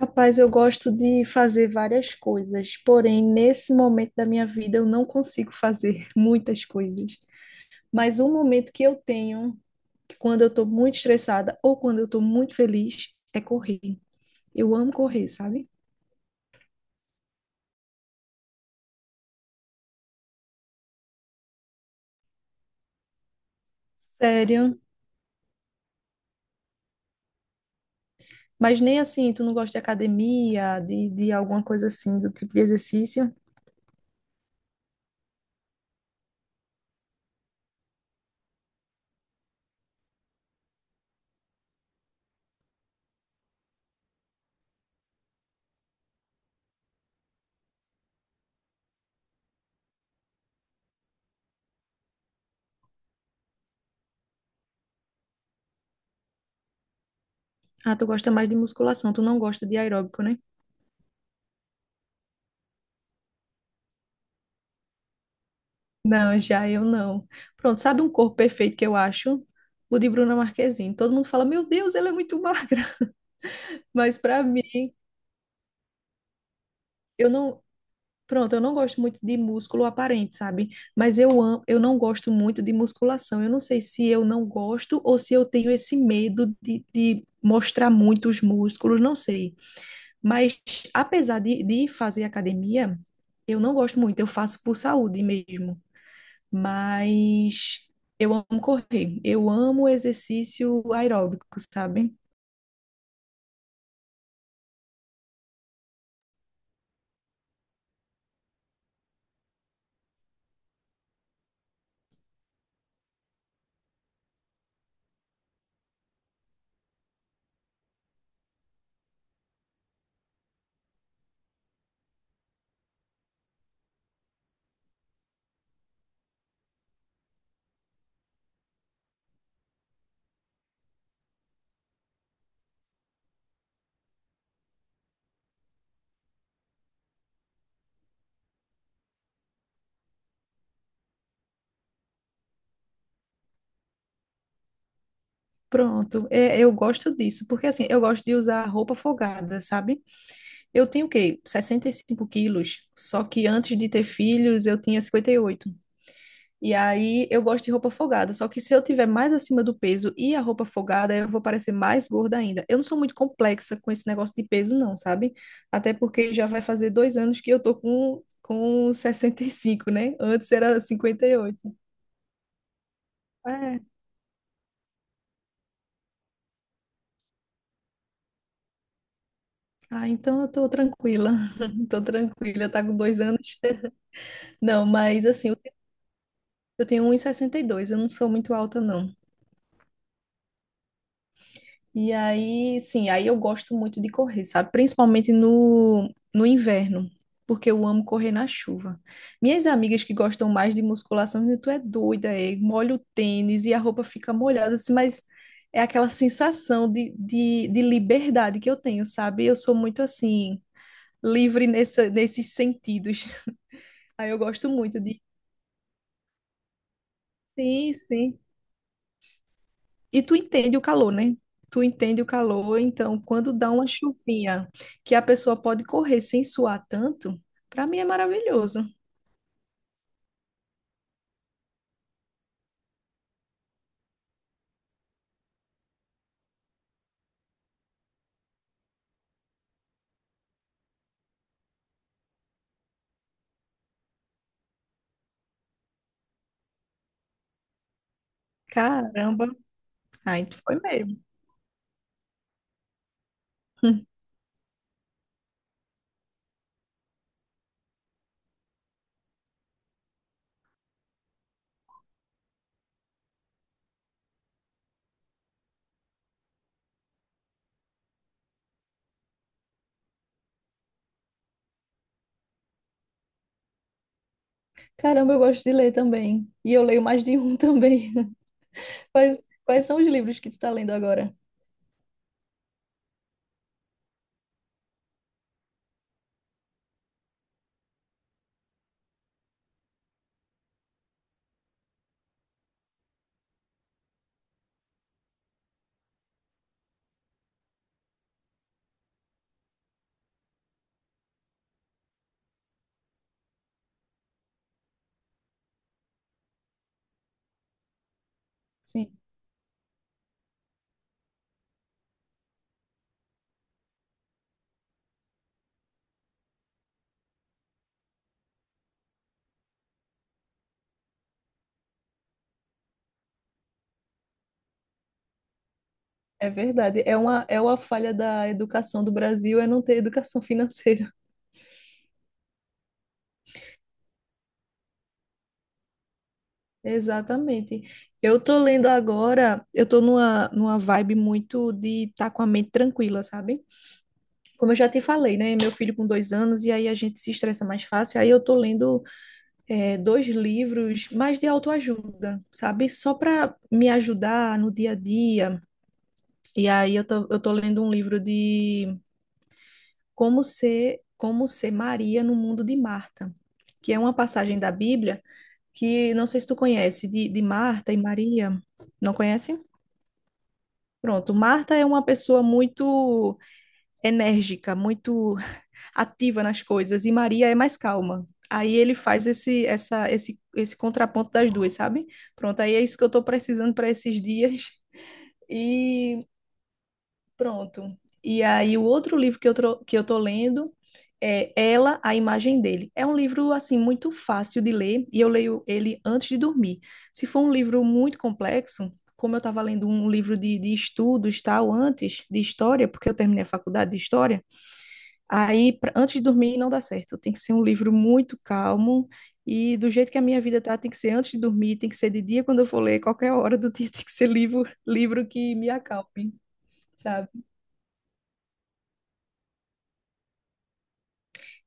Rapaz, eu gosto de fazer várias coisas, porém, nesse momento da minha vida, eu não consigo fazer muitas coisas. Mas um momento que eu tenho, que quando eu estou muito estressada ou quando eu estou muito feliz, é correr. Eu amo correr, sabe? Sério. Mas nem assim, tu não gosta de academia, de alguma coisa assim, do tipo de exercício? Ah, tu gosta mais de musculação, tu não gosta de aeróbico, né? Não, já eu não. Pronto, sabe um corpo perfeito que eu acho? O de Bruna Marquezine. Todo mundo fala, meu Deus, ela é muito magra. Mas pra mim, eu não. Pronto, eu não gosto muito de músculo aparente, sabe? Mas eu amo, eu não gosto muito de musculação. Eu não sei se eu não gosto ou se eu tenho esse medo de mostrar muito os músculos, não sei. Mas apesar de fazer academia, eu não gosto muito. Eu faço por saúde mesmo. Mas eu amo correr, eu amo exercício aeróbico, sabe? Pronto, é, eu gosto disso, porque assim, eu gosto de usar roupa folgada, sabe? Eu tenho o quê? Sessenta e cinco quilos, só que antes de ter filhos eu tinha 58. E aí eu gosto de roupa folgada, só que se eu tiver mais acima do peso e a roupa folgada, eu vou parecer mais gorda ainda. Eu não sou muito complexa com esse negócio de peso, não, sabe? Até porque já vai fazer dois anos que eu tô com sessenta e cinco, né? Antes era 58. É, ah, então eu tô tranquila, tô tranquila, tá com dois anos. Não, mas assim, eu tenho um e sessenta e dois, eu não sou muito alta, não. E aí, sim, aí eu gosto muito de correr, sabe? Principalmente no, no inverno, porque eu amo correr na chuva. Minhas amigas que gostam mais de musculação, dizem, tu é doida, é, molha o tênis e a roupa fica molhada, assim, mas é aquela sensação de liberdade que eu tenho, sabe? Eu sou muito assim, livre nessa, nesses sentidos. Aí eu gosto muito de. Sim, sim. E tu entende o calor, né? Tu entende o calor, então quando dá uma chuvinha que a pessoa pode correr sem suar tanto, para mim é maravilhoso. Caramba. Ai, tu foi mesmo. Caramba, eu gosto de ler também. E eu leio mais de um também. Quais, quais são os livros que tu tá lendo agora? Sim, é verdade. É uma falha da educação do Brasil é não ter educação financeira. Exatamente. Eu tô lendo agora, eu tô numa, numa vibe muito de estar com a mente tranquila, sabe? Como eu já te falei, né? Meu filho com dois anos, e aí a gente se estressa mais fácil. Aí eu tô lendo dois livros mais de autoajuda, sabe? Só para me ajudar no dia a dia. E aí eu tô lendo um livro de Como Ser, Como Ser Maria no Mundo de Marta, que é uma passagem da Bíblia que não sei se tu conhece, de Marta e Maria. Não conhece? Pronto, Marta é uma pessoa muito enérgica, muito ativa nas coisas e Maria é mais calma. Aí ele faz esse, essa, esse contraponto das duas, sabe? Pronto, aí é isso que eu estou precisando para esses dias. E pronto. E aí o outro livro que eu, tro- que eu tô lendo é Ela, a Imagem Dele. É um livro, assim, muito fácil de ler e eu leio ele antes de dormir. Se for um livro muito complexo, como eu estava lendo um livro de estudos, tal, antes de história, porque eu terminei a faculdade de história. Aí, pra- antes de dormir, não dá certo. Tem que ser um livro muito calmo. E do jeito que a minha vida tá, tem que ser antes de dormir, tem que ser de dia quando eu for ler, qualquer hora do dia tem que ser livro, livro que me acalme, sabe?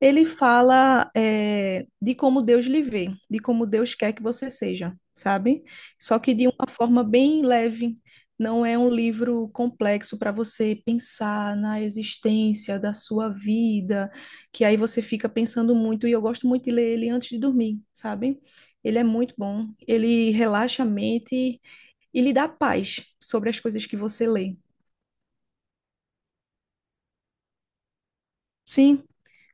Ele fala é, de como Deus lhe vê, de como Deus quer que você seja, sabe? Só que de uma forma bem leve. Não é um livro complexo para você pensar na existência da sua vida, que aí você fica pensando muito. E eu gosto muito de ler ele antes de dormir, sabe? Ele é muito bom. Ele relaxa a mente e lhe dá paz sobre as coisas que você lê. Sim,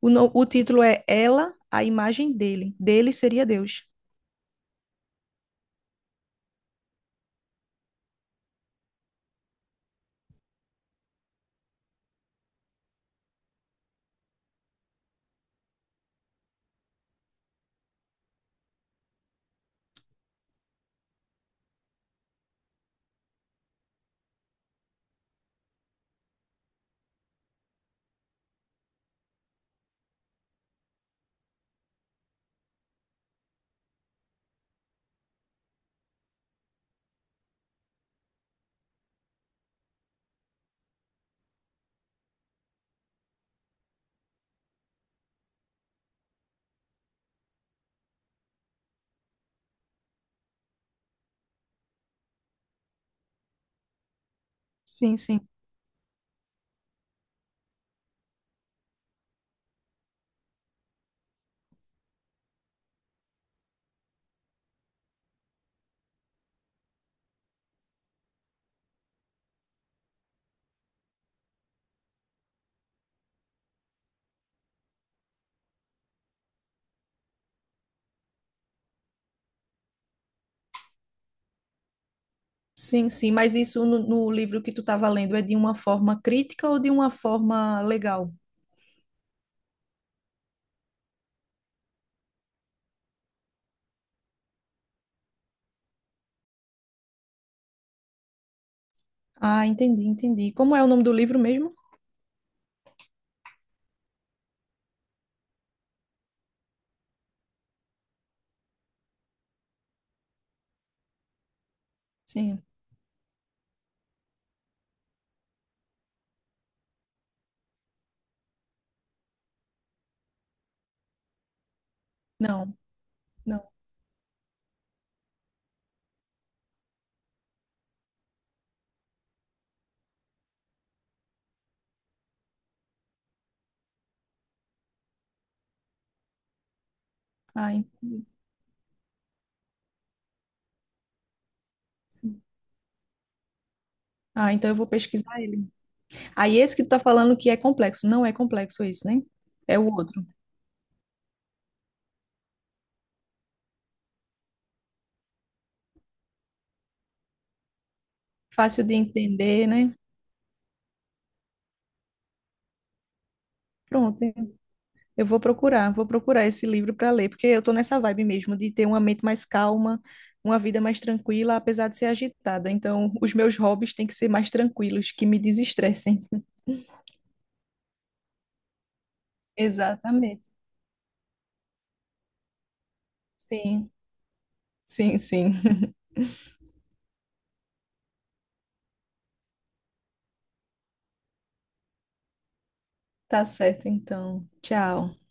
o, no- o título é Ela, a Imagem Dele. Dele seria Deus. Sim, sim. Sim, sim, mas isso no, no livro que tu estava lendo é de uma forma crítica ou de uma forma legal? Ah, entendi, entendi. Como é o nome do livro mesmo? Sim. Não, não. Ah, entendi. Sim. Ah, então eu vou pesquisar ele. Aí esse que tu tá falando que é complexo, não é complexo esse, né? É o outro. Fácil de entender, né? Pronto. Eu vou procurar esse livro para ler, porque eu tô nessa vibe mesmo de ter uma mente mais calma, uma vida mais tranquila, apesar de ser agitada. Então, os meus hobbies têm que ser mais tranquilos, que me desestressem. Exatamente. Sim, sim, sim. Tá certo, então. Tchau.